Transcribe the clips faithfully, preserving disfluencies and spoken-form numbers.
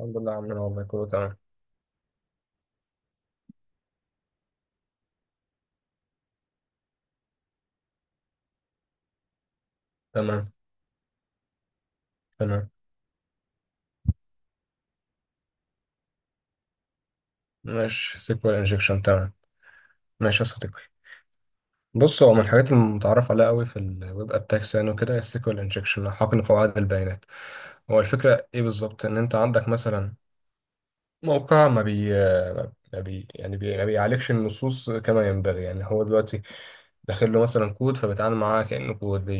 الحمد لله يا عمنا، والله كله تمام. تمام. تمام. ماشي، سيكوال انجكشن. تمام. ماشي يا صديقي. بص، هو من الحاجات المتعارف عليها قوي في الويب اتاكس يعني وكده، السيكوال انجكشن، حقن قواعد البيانات. هو الفكره ايه بالظبط؟ ان انت عندك مثلا موقع ما بي. ما بي يعني بي ما بيعالجش النصوص كما ينبغي، يعني هو دلوقتي داخل له مثلا كود، فبيتعامل معاه كانه كود.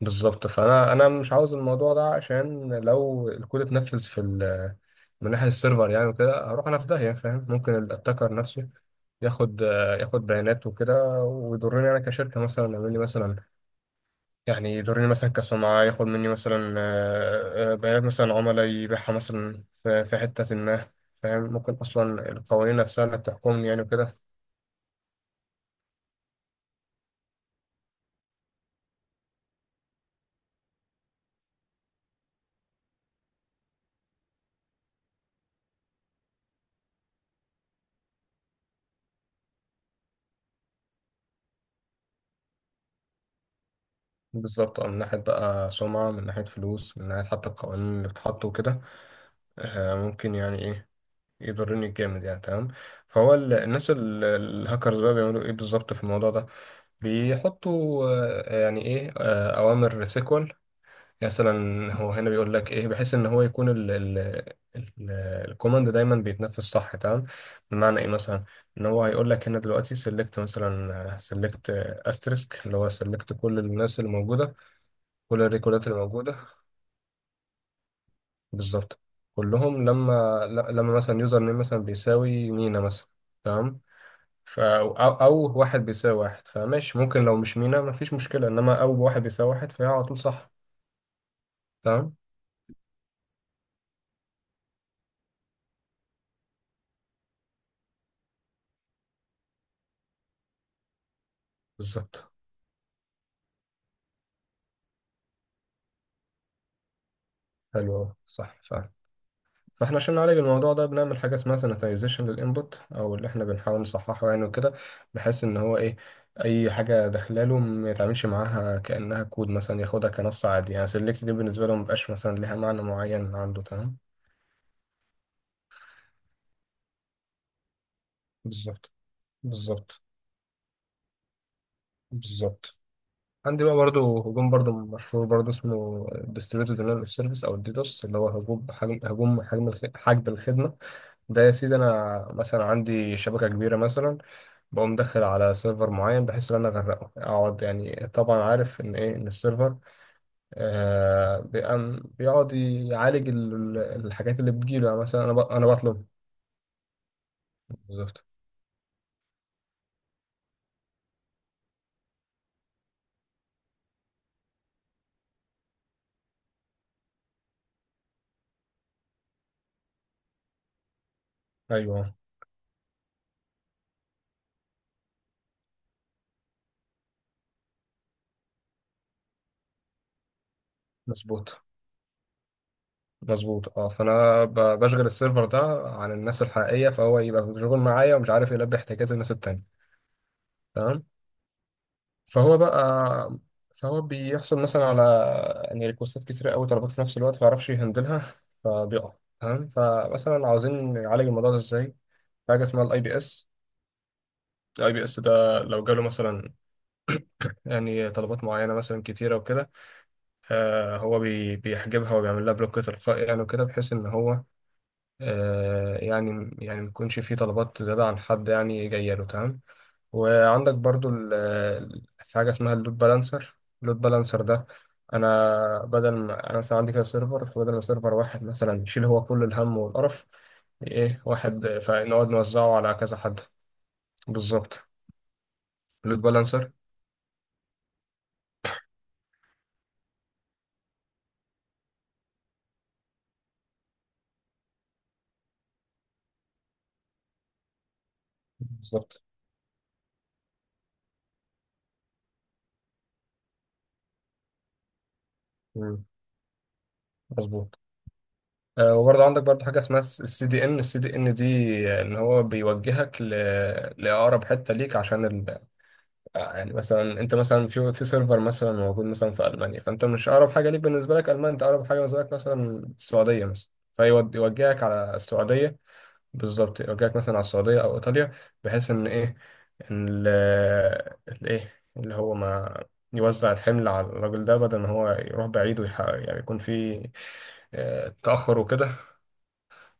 بالظبط. فانا انا مش عاوز الموضوع ده، عشان لو الكود اتنفذ في ال- من ناحيه السيرفر يعني وكده، هروح انا في داهيه. فاهم؟ ممكن الاتاكر نفسه ياخد ياخد بيانات وكده، ويضرني انا كشركه، مثلا يعمل لي مثلا، يعني يضرني مثلا كسمعه، ياخد مني مثلا آه، آه، بيانات مثلا عملاء يبيعها مثلا في في حته ما. فاهم؟ ممكن اصلا القوانين نفسها اللي بتحكمني يعني وكده. بالظبط. آه، من ناحيه بقى سمعه، من ناحيه فلوس، من ناحيه حتى القوانين اللي بتتحط وكده. آه، ممكن يعني ايه، يضرني جامد يعني. تمام. فهو ال- الناس ال- الهاكرز بقى بيعملوا ايه بالظبط في الموضوع ده؟ بيحطوا آه، يعني ايه، آه، اوامر سيكوال مثلا. هو هنا بيقول لك ايه، بحيث ان هو يكون ال ال ال- الكوماند دايما بيتنفذ. صح؟ تمام. بمعنى ايه مثلا؟ ان هو هيقول لك هنا دلوقتي سيلكت، مثلا سيلكت استريسك، اللي هو سيلكت كل الناس اللي موجوده، كل الريكوردات اللي موجوده، بالظبط، كلهم، لما ل- لما مثلا يوزر نيم مثلا بيساوي مينا مثلا. تمام. ف أو, أو واحد بيساوي واحد، فماشي. ممكن لو مش مينا مفيش مشكلة، إنما أو واحد بيساوي واحد، فهي على طول صح. تمام. بالظبط. حلو أوي. صح فعلا. فاحنا عشان نعالج الموضوع ده بنعمل حاجة اسمها sanitization للإنبوت، أو اللي احنا بنحاول نصححه يعني وكده، بحيث إن هو إيه، أي حاجة داخلاله ما يتعاملش معاها كأنها كود، مثلا ياخدها كنص عادي، يعني select دي بالنسبة له مبقاش مثلا ليها معنى معين عنده. تمام. بالظبط. بالظبط. بالظبط. عندي بقى برضه هجوم برضه مشهور برضه، اسمه ديستريبيوتد دينايل اوف سيرفيس، او الديدوس، اللي هو هجوم حجم هجوم حجم الخ- حجب الخدمه. ده يا سيدي، انا مثلا عندي شبكه كبيره مثلا، بقوم داخل على سيرفر معين بحيث ان انا اغرقه اقعد. يعني طبعا عارف ان ايه، ان السيرفر آه بيقام- بيقعد يعالج ال- ال- الحاجات اللي بتجيله، يعني مثلا انا ب- انا بطلب. بالظبط. ايوه. مظبوط. مظبوط، اه. فانا ب- بشغل السيرفر ده عن الناس الحقيقيه، فهو يبقى مشغول معايا ومش عارف يلبي احتياجات الناس التانية. تمام. فهو بقى فهو بيحصل مثلا على يعني ريكوستات كتير قوي، طلبات في نفس الوقت ما يعرفش يهندلها، فبيقع. تمام. فمثلا عاوزين نعالج الموضوع ده ازاي؟ حاجه اسمها الاي بي اس. الاي بي اس ده لو جاله مثلا يعني طلبات معينه مثلا كتيره وكده، آه هو بي- بيحجبها وبيعمل لها بلوك تلقائي يعني وكده، بحيث ان هو آه، يعني يعني ما يكونش فيه طلبات زيادة عن حد يعني جاية له. تمام. وعندك برضو ال- ال- في حاجة اسمها اللود بالانسر. اللود بالانسر ده، أنا بدل ما أنا مثلا عندي كده سيرفر، فبدل ما سيرفر واحد مثلا يشيل هو كل الهم والقرف، إيه، واحد، فنقعد نوزعه على كذا حد. بالظبط. اللود بالانسر. بالظبط. مم، مظبوط. آه، وبرضه عندك برضه حاجة اسمها السي دي ان. السي دي ان دي آه، ان هو بيوجهك ل... لأقرب حتة ليك، عشان ال... آه، يعني مثلا انت مثلا في في سيرفر مثلا موجود مثلا في المانيا، فانت مش اقرب حاجه ليك بالنسبه لك المانيا، انت اقرب حاجه بالنسبه لك مثلا السعوديه مثلا، فيوجهك على السعوديه. بالظبط، يوجهك مثلا على السعوديه او ايطاليا، بحيث ان ايه، ان ال ال- ايه اللي هو ما يوزع الحمل على الراجل ده، بدل ما هو يروح بعيد ويحقق، يعني يكون في آه، تاخر وكده.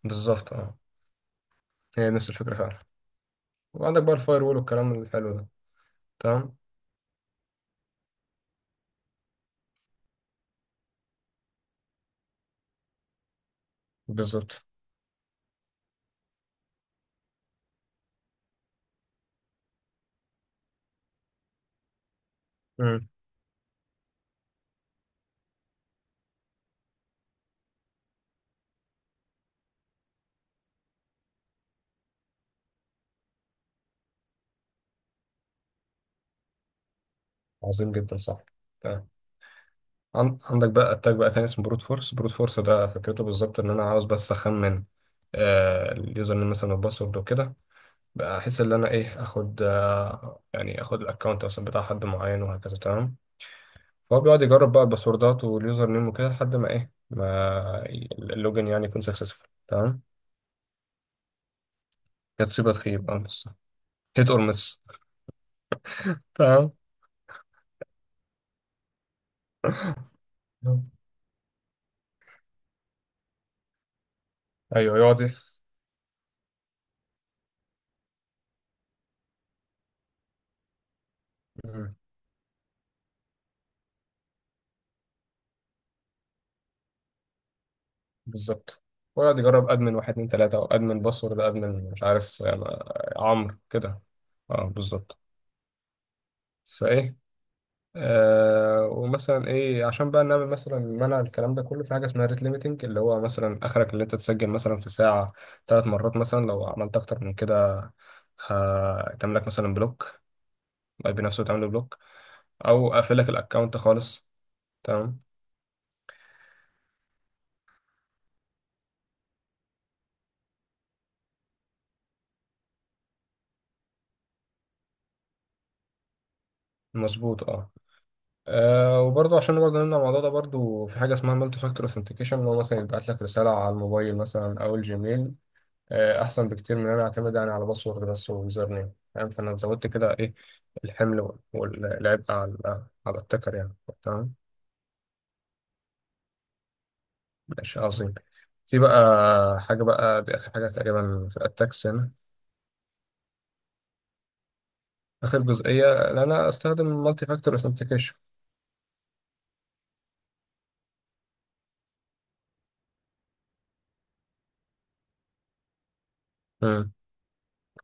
بالظبط، اه. هي نفس الفكره فعلا. وعندك بقى الفاير وول والكلام الحلو ده. تمام. بالظبط. عظيم جدا، صح. تمام. عن- عندك بقى اتاك بقى تاني اسمه بروت فورس. بروت فورس ده فكرته بالظبط، ان انا عاوز بس اخمن آه اليوزر نيم مثلا والباسورد وكده، بحيث ان انا ايه، اخد آه يعني اخد الاكونت مثلا بتاع حد معين وهكذا. تمام. فهو بيقعد يجرب بقى الباسوردات واليوزر نيم وكده لحد ما ايه ما ي- اللوجن يعني يكون سكسسفول. تمام. يا تصيب يا تخيب، اه. بص، هيت اور مس. تمام. ايوه، يقعد ايه بالظبط. ويقعد يجرب ادمن واحد، اتنين، تلاته، او ادمن، باسورد، ادمن، مش عارف يعني. عمرو كده. اه بالظبط. فايه آه ومثلا ايه عشان بقى نعمل مثلا منع الكلام ده كله، في حاجه اسمها ريت ليميتنج، اللي هو مثلا اخرك اللي انت تسجل مثلا في ساعه ثلاث مرات مثلا. لو عملت اكتر من كده، هتعمل لك مثلا بلوك، اي بي نفسه تعمل بلوك، او اقفل لك الاكونت خالص. تمام. مظبوط، اه. آه وبرضه عشان نبقى جنبنا الموضوع ده برضه، في حاجة اسمها مالتي فاكتور اوثنتيكيشن، اللي هو مثلا يبعت لك رسالة على الموبايل مثلا أو الجيميل. آه أحسن بكتير من إن أنا أعتمد يعني على باسورد بس ويوزر نيم. فاهم؟ فأنا زودت كده إيه، الحمل وال- والعبء على على التكر يعني. تمام. ماشي، عظيم. في بقى حاجة بقى دي، آخر حاجة تقريبا في الأتاكس هنا. آخر جزئية إن أنا أستخدم مالتي فاكتور اوثنتيكيشن.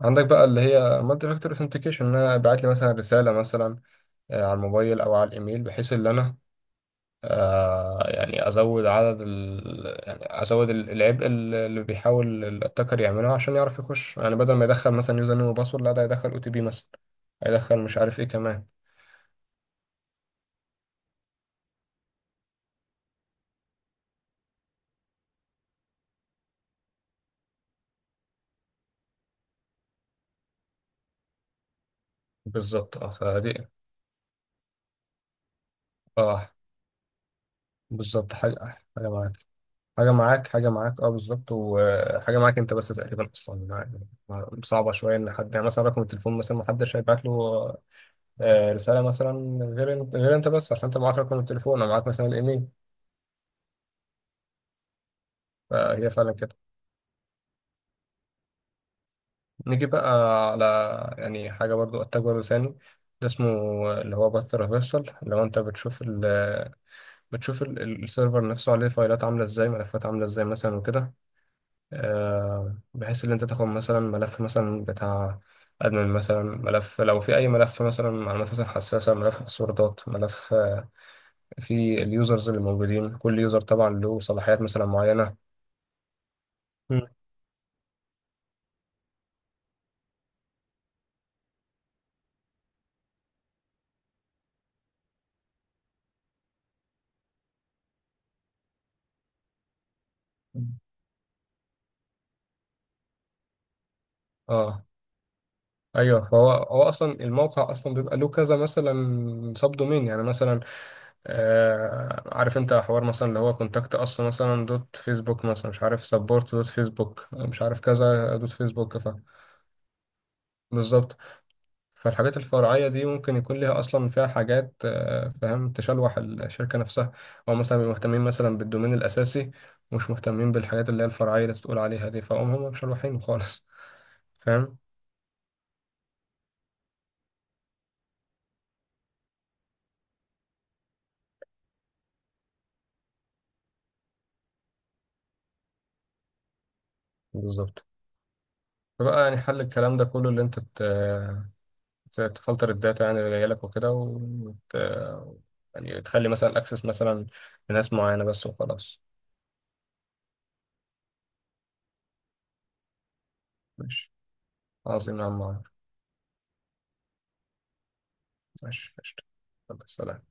عندك بقى اللي هي مالتي فاكتور اوثنتيكيشن، إن أنا أبعت لي مثلا رسالة مثلا آه، على الموبايل او على الايميل، بحيث ان انا آه، يعني ازود عدد ال... يعني ازود ال- العبء ال- اللي بيحاول الاتاكر يعمله عشان يعرف يخش. يعني بدل ما يدخل مثلا يوزر نيم وباسورد، لا، ده يدخل او تي بي مثلا، هيدخل مش عارف ايه كمان. بالظبط، اه. فدي، اه بالظبط، حاجه حاجه معاك، حاجه معاك، حاجه معاك، اه بالظبط. وحاجه معاك انت بس تقريبا، اصلا يعني صعبه شويه ان حد، يعني مثلا رقم التليفون مثلا ما حدش هيبعت له آه، رسالة مثلا غير انت. غير انت بس، عشان انت معاك رقم التليفون او معاك مثلا الايميل. فهي فعلا كده. نيجي بقى على يعني حاجة برضو، اتاك برضو تاني، ده اسمه اللي هو باث ريفرسال، اللي هو انت بتشوف ال بتشوف ال- ال- السيرفر نفسه، عليه فايلات عاملة ازاي، ملفات عاملة ازاي مثلا وكده. آه، بحيث ان انت تاخد مثلا ملف مثلا بتاع ادمن مثلا، ملف لو في، اي ملف مثلا معلومات مثلا حساسه، ملف باسوردات، ملف، آه، في اليوزرز اللي موجودين، كل يوزر طبعا له صلاحيات مثلا معينه. مم. اه، ايوه. فهو هو اصلا، الموقع اصلا بيبقى له كذا مثلا سب دومين يعني، مثلا آه عارف انت حوار مثلا اللي هو كونتاكت اس مثلا دوت فيسبوك، مثلا مش عارف سبورت دوت فيسبوك، مش عارف كذا دوت فيسبوك، ف بالظبط. فالحاجات الفرعيه دي ممكن يكون ليها اصلا، فيها حاجات آه فاهم، تشلوح الشركه نفسها، او مثلا بيبقوا مهتمين مثلا بالدومين الاساسي، مش مهتمين بالحاجات اللي هي الفرعيه اللي تقول عليها دي. فهم هم مشلوحين خالص. فاهم؟ بالظبط. فبقى يعني حل الكلام ده كله، اللي انت ت- ت- تفلتر الداتا يعني اللي جايلك وكده، وت... يعني تخلي مثلا الاكسس مثلا لناس معينة بس وخلاص. ماشي. عظيم يا عم عمر. ماشي، قشطة. يلا، سلام.